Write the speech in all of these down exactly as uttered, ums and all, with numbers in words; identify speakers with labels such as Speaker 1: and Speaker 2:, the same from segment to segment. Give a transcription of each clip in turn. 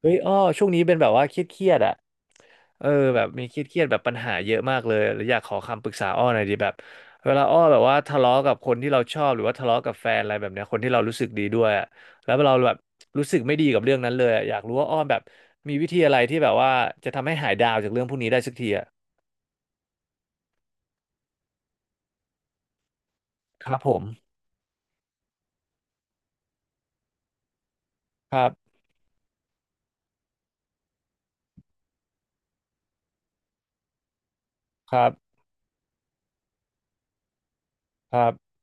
Speaker 1: เฮ้ยอ้อช่วงนี้เป็นแบบว่าเครียดเครียดอ่ะเออแบบมีเครียดเครียดแบบปัญหาเยอะมากเลยแล้วอยากขอคำปรึกษาอ้อหน่อยดีแบบเวลาอ้อแบบว่าทะเลาะกับคนที่เราชอบหรือว่าทะเลาะกับแฟนอะไรแบบเนี้ยคนที่เรารู้สึกดีด้วยอะแล้วเราแบบรู้สึกไม่ดีกับเรื่องนั้นเลยอะอยากรู้ว่าอ้อแบบมีวิธีอะไรที่แบบว่าจะทำให้หายดาวจากเรื่องพวกนี้ได้สักทีอ่ะครับผมครับครับครับ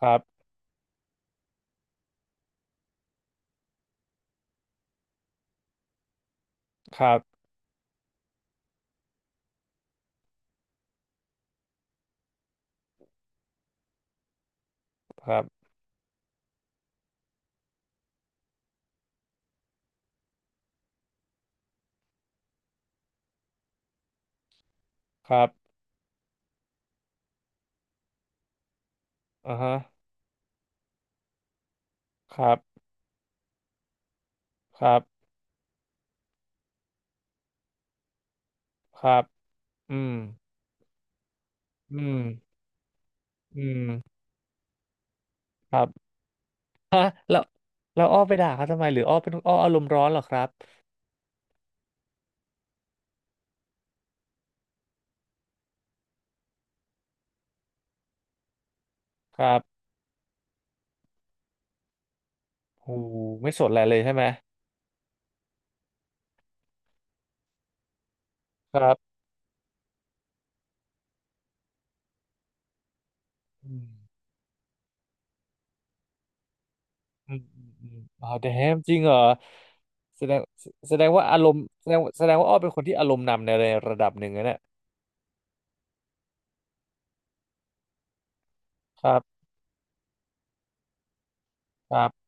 Speaker 1: ครับครับครับครับอ่าฮะครับครับครับอืมอืมอืมครับ ฮะแล้วแล้วอ้อไปด่าเขาทำไมหรืออ้อเป็นอ้ออารมณ์ร้อนเหรอครับครับโอ้โหไม่สนอะไรเลยใช่ไหมครับอืมอืมอืมอืมอ๋อ damn จริงเหรอแสดงแสแสดงว่าอารมณ์แสดงแสดงว่าอ้อเป็นคนที่อารมณ์นำในระดับหนึ่งนะเนี่ยครับครับ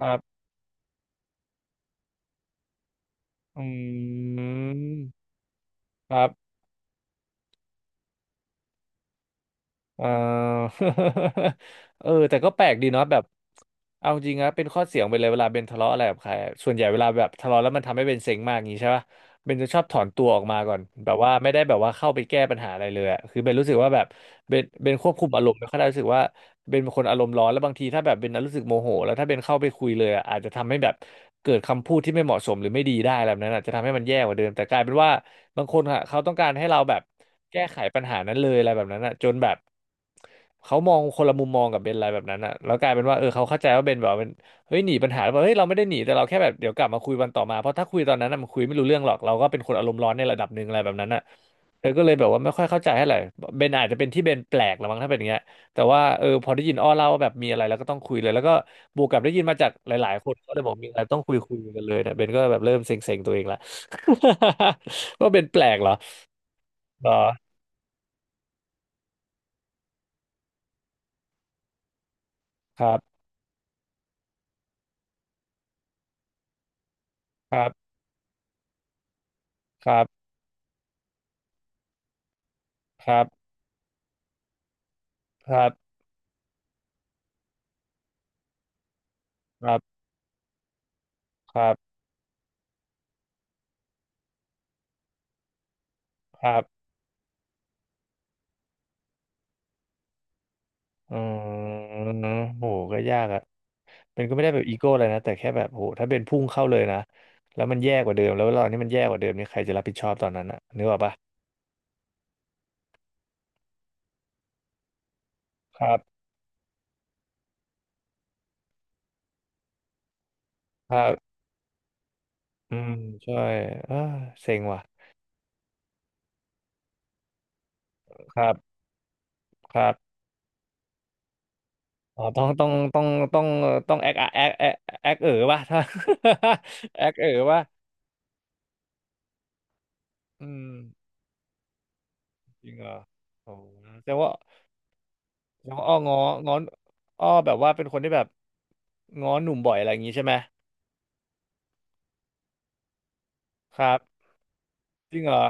Speaker 1: ครับอืมครับเอ่อ เออแต่ก็แปลกดีเนาะแบบเอาจริงนะเป็นข้อเสียงไปเลยเวลาเบนทะเลาะอะไรกับใครอะส่วนใหญ่เวลาแบบทะเลาะแล้วมันทำให้เบนเซ็งมากอย่างงี้ใช่ปะ เบนจะชอบถอนตัวออกมาก่อนแบบว่าไม่ได้แบบว่าเข้าไปแก้ปัญหาอะไรเลยอะคือเบนรู้สึกว่าแบบเบนเบนควบคุมอารมณ์ไม่ค่อยได้รู้สึกว่าเบนเป็นคนอารมณ์ร้อนแล้วบางทีถ้าแบบเบนรู้สึกโมโหแล้วถ้าเบนเข้าไปคุยเลยอะอาจจะทำให้แบบเกิดคำพูดที่ไม่เหมาะสมหรือไม่ดีได้อะไรแบบนั้นอาจจะทำให้มันแย่กว่าเดิมแต่กลายเป็นว่าบางคนอะเขาต้องการให้เราแบบแก้ไขปัญหานั้นเลยอะไรแบบนั้นอะจนแบบเขามองคนละมุมมองกับเบนอะไรแบบนั้นอะแล้วกลายเป็นว่าเออเขาเข้าใจว่าเบนแบบ เฮ้ยหนีปัญหาแล้วเปล่บเฮ้ยเราไม่ได้หนีแต่เราแค่แบบเดี๋ยวกลับมาคุยวันต่อมาเพราะถ้าคุยตอนนั้นน่ะมันคุยไม่รู้เรื่องหรอกเราก็เป็นคนอารมณ์ร้อนในระดับหนึ่งอะไรแบบนั้นอ่ะเธอก็เลยแบบว่าไม่ค่อยเข้าใจเท่าไหร่เบนอาจจะเป็นที่เบนแปลกละมั้งถ้าเป็นอย่างเงี้ยแต่ว่าเออพอได้ยินอ้อเล่าว่าแบบมีอะไรแล้วก็ต้องคุยเลยแล้วก็บวกกับได้ยินมาจากหลายๆคนก็เลยบอกมีอะไรต้องคุยคุยกันเลยเนี่ยเบนก็แบบเริ่มเซ็งๆตัวเองละ ว่าเบนแปลกเหรอเหรอครับครับครับครับครับครับครับครับอืมโหก็ยากอะ เป็นก็ไม่ได้แบบอีโก้อะไรนะแต่แค่แบบโหถ้าเป็นพุ่งเข้าเลยนะแล้วมันแย่กว่าเดิมแล้วตอนนี้มันแย่กว่าเดิมนี่ใครจะรับผิดชอบตอนนั้นอะนึกออกปะครับครับอืมใช่เออเซ็งว่ะครับครับอ๋อต้องต้องต้องต้องต้องแอคแอคแอคแอคเอ๋อป่ะถ้า แอค เอ๋อป่ะอืมจริงเหรอโอ้แต่ว่าแงว่าอ้ององ้อนอ้อแบบว่าเป็นคนที่แบบง้อหนุ่มบ่อยอะไรอย่างงี้ใช่ไหมครับจริงเหรอ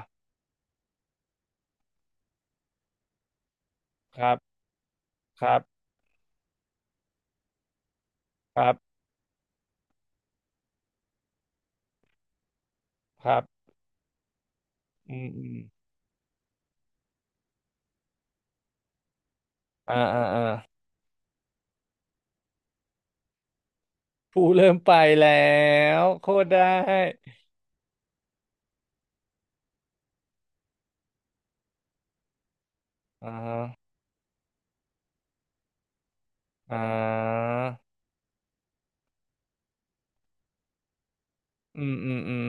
Speaker 1: ครับครับครับครับอืมอืม อ่าอ่าอ่าผู้เริ่มไปแล้วโคตรได้อ่าอ่าอืมอืมอืม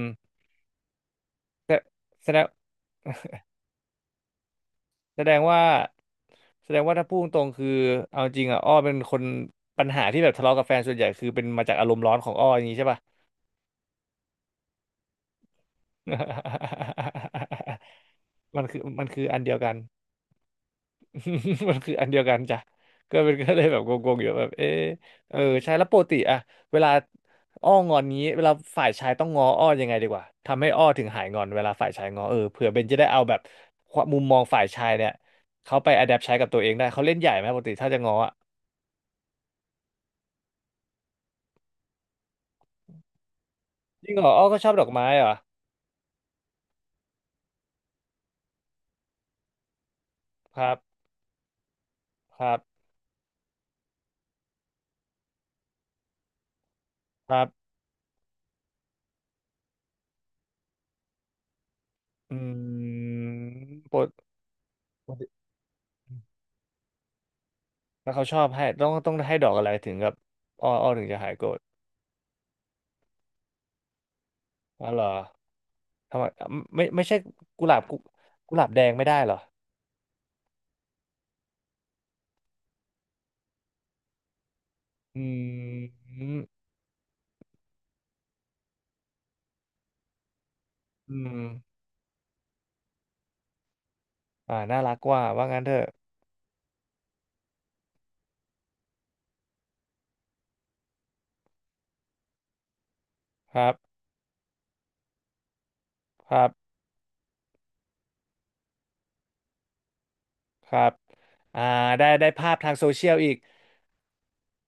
Speaker 1: แสดงแสดงว่าแสดงว่าถ้าพูดตรงๆคือเอาจริงอ่ะอ้อเป็นคนปัญหาที่แบบทะเลาะกับแฟนส่วนใหญ่คือเป็นมาจากอารมณ์ร้อนของอ้ออย่างนี้ใช่ป่ะ มันคือมันคืออันเดียวกัน มันคืออันเดียวกันจ้ะก็เป็นก็เลยแบบงงๆอยู่แบบเออเออใช่แล้วปกติอะเวลาอ้องอนนี้เวลาฝ่ายชายต้องง้ออ้อยังไงดีกว่าทำให้อ้อถึงหายงอนเวลาฝ่ายชายง้อเออเผื่อเบนจะได้เอาแบบความมุมมองฝ่ายชายเนี่ยเขาไปอ d แ p t ใช้กับตัวเองได้เขาเล่นใหญ่ไหมปกติถ้าจะง้ออะจริงเหรออ้อก็ชอบดอกไม้เหรอครับครับครับอืมปกปกติแล้วเขาชอบให้ต้องต้องให้ดอกอะไรถึงกับอ้ออ้อถึงจะหายโกรธอ๋อเหรอ ทำไมไม่ไม่ใช่กุหลาบกุกุหลาบแดงไม่ได้เหรออืมอืมอ่าน่ารักกว่าว่างั้นเถอะครับครับครับอ่าได้ได้ภาพทางโซเชียลอีก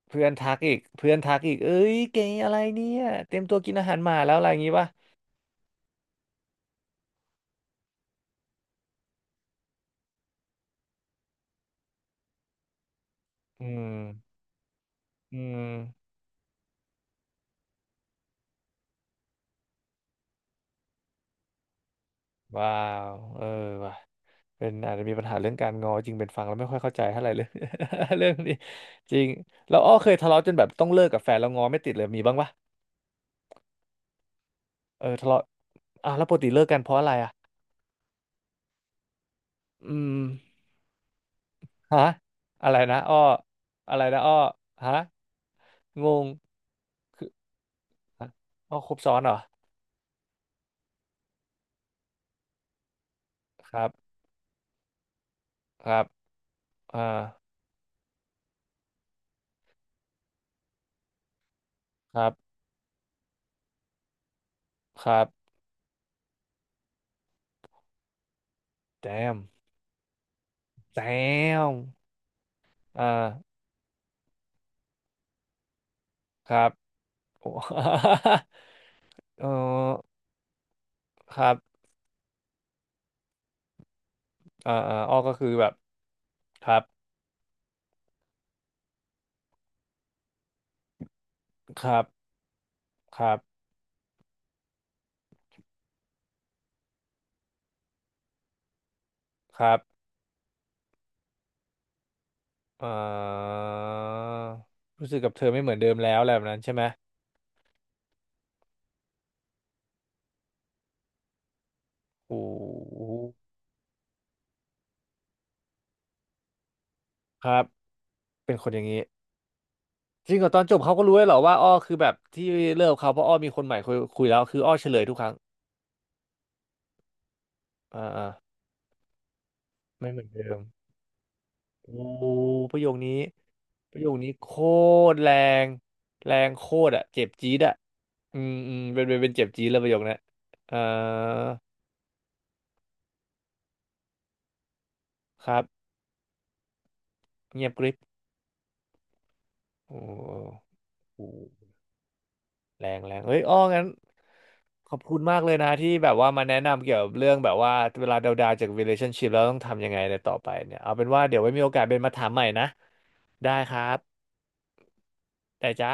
Speaker 1: เพื่อนทักอีกเพื่อนทักอีกเอ้ยเก๋อะไรเนี่ยเตรียมตัวกินอาหารหมาแล้วอะไรอย่างงี้ป่ะอืมอืมว้าวเออว่ะเป็นอาจจะมีปัญหาเรื่องการงอจริงเป็นฟังแล้วไม่ค่อยเข้าใจเท่าไหร่เลย เรื่องนี้จริงเราอ้อเคยทะเลาะจนแบบต้องเลิกกับแฟนแล้วงอไม่ติดเลยมีบ้างปะ เออทะเลาะอ่ะแล้วปกติเลิกกันเพราะอะไรอ่ะอืมฮะอะไรนะอ้ออะไรนะอ้อฮะงงคือฮะอ้อครบซ้อนเหรอครับครับอ่าครับครับแจมแจมอ่าครับโอ้ เออครับอ่าอ่าอ้อก็คือแบบครับครับครับครับเอ่อรู้สึกกับเธอไม่เหมือนเดิมแล้วอะไรแบบนั้นใช่ไหมโอ้โหครับ เป็นคนอย่างนี้จริงเหรอตอนจบเขาก็รู้เลยเหรอว่าอ้อคือแบบที่เลิกกับเขาเพราะอ้อมีคนใหม่คุยคุยแล้วคืออ้อเฉลยทุกครั้งอ่าอ่าไม่เหมือนเดิมโอ้ประโยคนี้ประโยคนี้โคตรแรงแรงโคตรอ่ะเจ็บจี๊ดอ่ะอืมอืมเป็นเป็นเป็นเจ็บจี๊ดเลยประโยคนั้นอ่าครับเงียบกริบโอ้โห แรงแรงเฮ้ยอ้องั้นขอบคุณมากเลยนะที่แบบว่ามาแนะนำเกี่ยวกับเรื่องแบบว่าเวลาดาวๆจาก relationship แล้วต้องทำยังไงในต่อไปเนี่ยเอาเป็นว่าเดี๋ยวไว้มีโอกาสเป็นมาถามใหม่นะได้ครับได้จ้า